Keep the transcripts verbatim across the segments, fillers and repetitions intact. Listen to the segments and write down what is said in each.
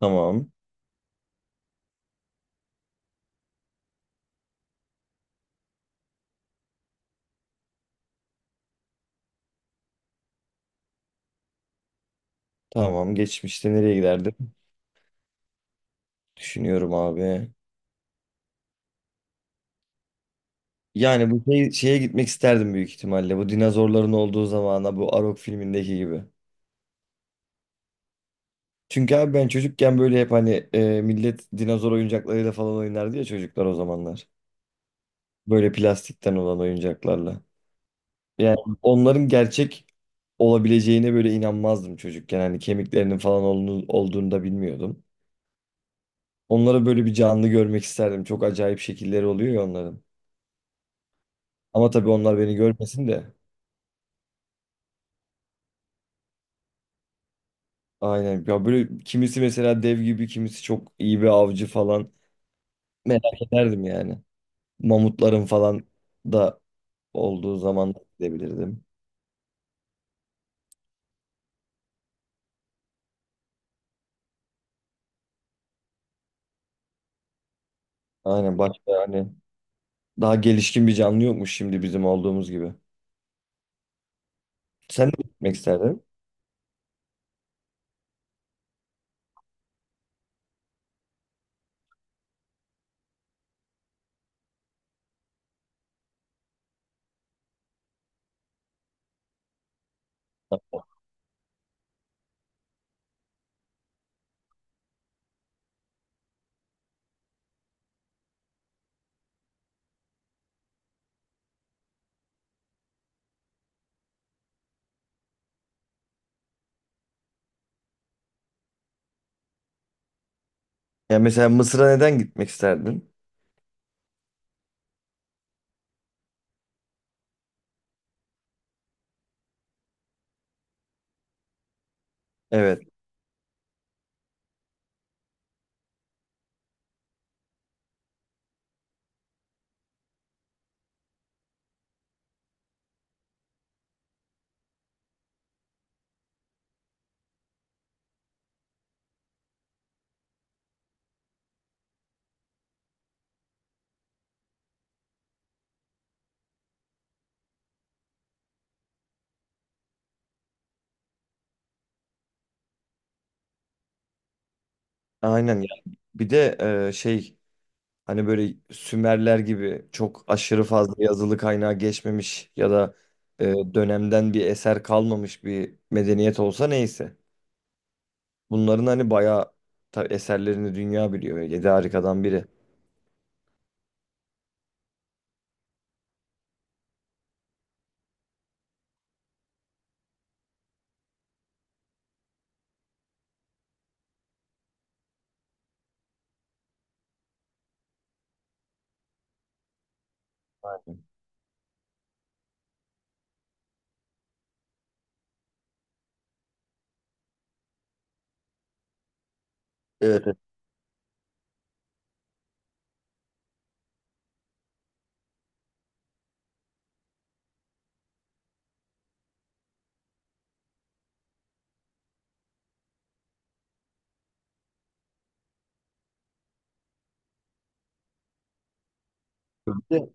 Tamam. Tamam. Geçmişte nereye giderdim? Düşünüyorum abi. Yani bu şey, şeye gitmek isterdim büyük ihtimalle. Bu dinozorların olduğu zamana bu Arok filmindeki gibi. Çünkü abi ben çocukken böyle hep hani e, millet dinozor oyuncaklarıyla falan oynardı ya çocuklar o zamanlar. Böyle plastikten olan oyuncaklarla. Yani onların gerçek olabileceğine böyle inanmazdım çocukken. Hani kemiklerinin falan olduğunu, olduğunu da bilmiyordum. Onları böyle bir canlı görmek isterdim. Çok acayip şekilleri oluyor ya onların. Ama tabii onlar beni görmesin de. Aynen. Ya böyle kimisi mesela dev gibi, kimisi çok iyi bir avcı falan. Merak ederdim yani. Mamutların falan da olduğu zaman da gidebilirdim. Aynen başka hani daha gelişkin bir canlı yokmuş şimdi bizim olduğumuz gibi. Sen de gitmek isterdin. Ya mesela Mısır'a neden gitmek isterdin? Evet. Aynen ya. Bir de e, şey hani böyle Sümerler gibi çok aşırı fazla yazılı kaynağa geçmemiş ya da e, dönemden bir eser kalmamış bir medeniyet olsa neyse. Bunların hani bayağı tabii eserlerini dünya biliyor. Yedi harikadan biri. Evet. Evet. Bir de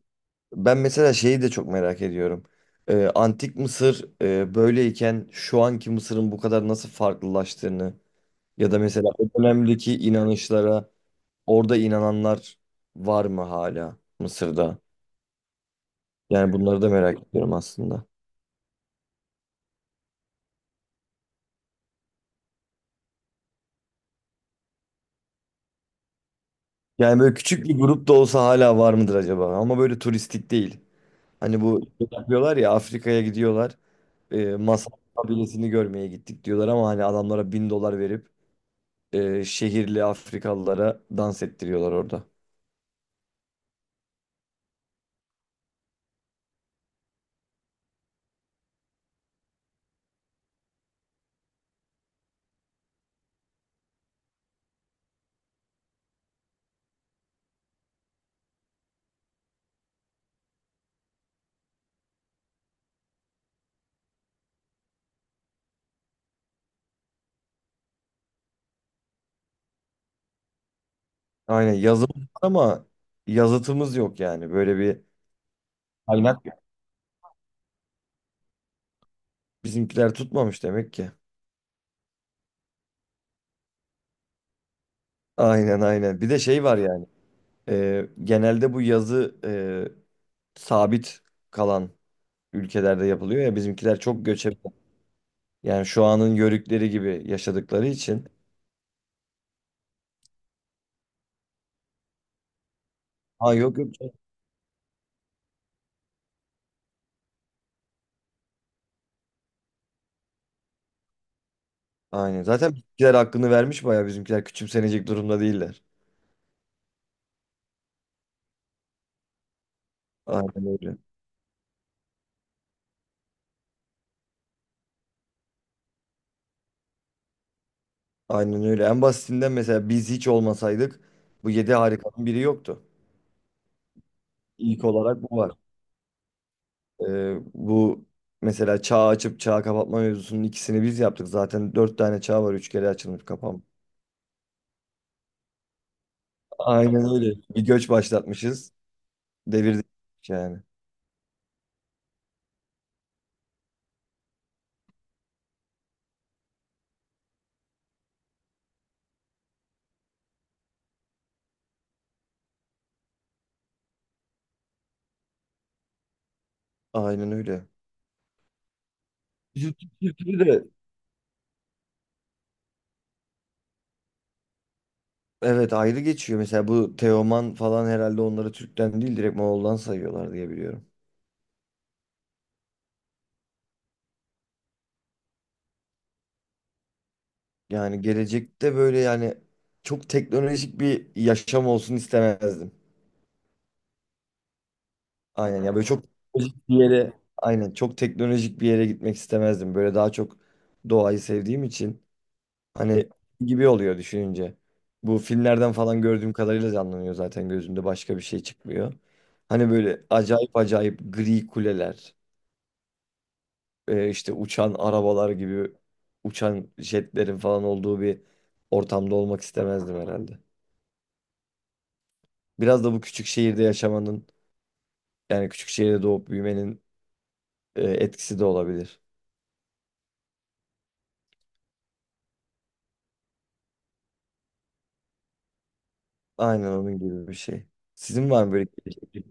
ben mesela şeyi de çok merak ediyorum. Ee, Antik Mısır e, böyleyken şu anki Mısır'ın bu kadar nasıl farklılaştığını ya da mesela o dönemdeki inanışlara orada inananlar var mı hala Mısır'da? Yani bunları da merak ediyorum aslında. Yani böyle küçük bir grup da olsa hala var mıdır acaba? Ama böyle turistik değil. Hani bu yapıyorlar ya, Afrika'ya gidiyorlar. E, Masai kabilesini görmeye gittik diyorlar ama hani adamlara bin dolar verip e, şehirli Afrikalılara dans ettiriyorlar orada. Aynen, yazımız var ama yazıtımız yok yani. Böyle bir kaynak yok. Bizimkiler tutmamış demek ki. Aynen, aynen. Bir de şey var yani. E, genelde bu yazı e, sabit kalan ülkelerde yapılıyor ya, bizimkiler çok göçebe. Yani şu anın yörükleri gibi yaşadıkları için. Ha, yok yok. Aynen. Zaten bizimkiler hakkını vermiş, bayağı bizimkiler küçümsenecek durumda değiller. Aynen öyle. Aynen öyle. En basitinden mesela biz hiç olmasaydık bu yedi harikanın biri yoktu. İlk olarak bu var. Ee, bu mesela çağ açıp çağ kapatma mevzusunun ikisini biz yaptık. Zaten dört tane çağ var. Üç kere açılmış kapanmış. Aynen öyle. Bir göç başlatmışız. Devirdik yani. Aynen öyle. Bizim kültürü de evet ayrı geçiyor. Mesela bu Teoman falan herhalde onları Türk'ten değil direkt Moğol'dan sayıyorlar diye biliyorum. Yani gelecekte böyle yani çok teknolojik bir yaşam olsun istemezdim. Aynen ya, böyle çok teknolojik bir yere, aynen çok teknolojik bir yere gitmek istemezdim. Böyle daha çok doğayı sevdiğim için hani gibi oluyor düşününce. Bu filmlerden falan gördüğüm kadarıyla canlanıyor zaten gözümde, başka bir şey çıkmıyor. Hani böyle acayip acayip gri kuleler. e, işte uçan arabalar gibi uçan jetlerin falan olduğu bir ortamda olmak istemezdim herhalde. Biraz da bu küçük şehirde yaşamanın, yani küçük şehirde doğup büyümenin e, etkisi de olabilir. Aynen onun gibi bir şey. Sizin var mı böyle gelecek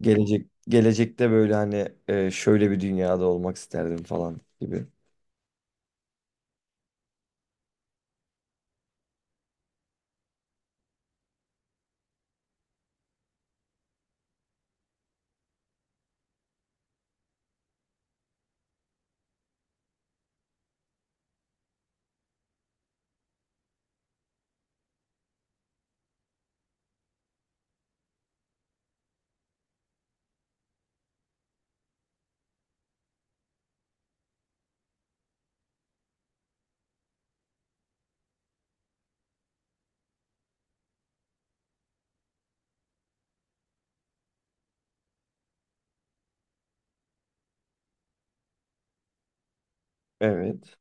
gelecek- gelecekte böyle hani e, şöyle bir dünyada olmak isterdim falan gibi? Evet.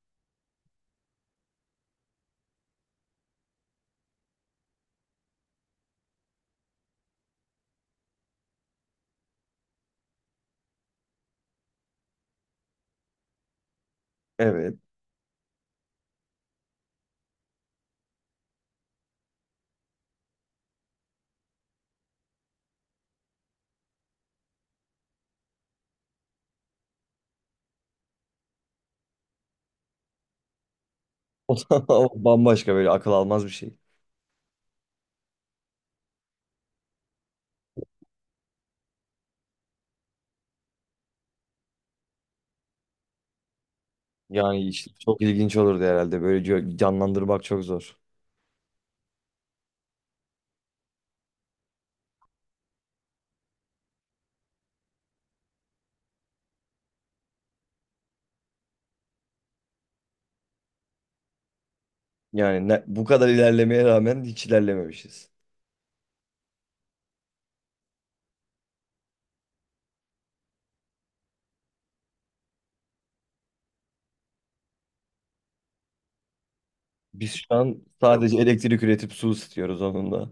Evet. O da- o bambaşka böyle akıl almaz bir şey. Yani işte çok ilginç olurdu herhalde. Böyle gö- canlandırmak çok zor. Yani ne- bu kadar ilerlemeye rağmen hiç ilerlememişiz. Biz şu an sadece elektrik üretip su ısıtıyoruz onunla.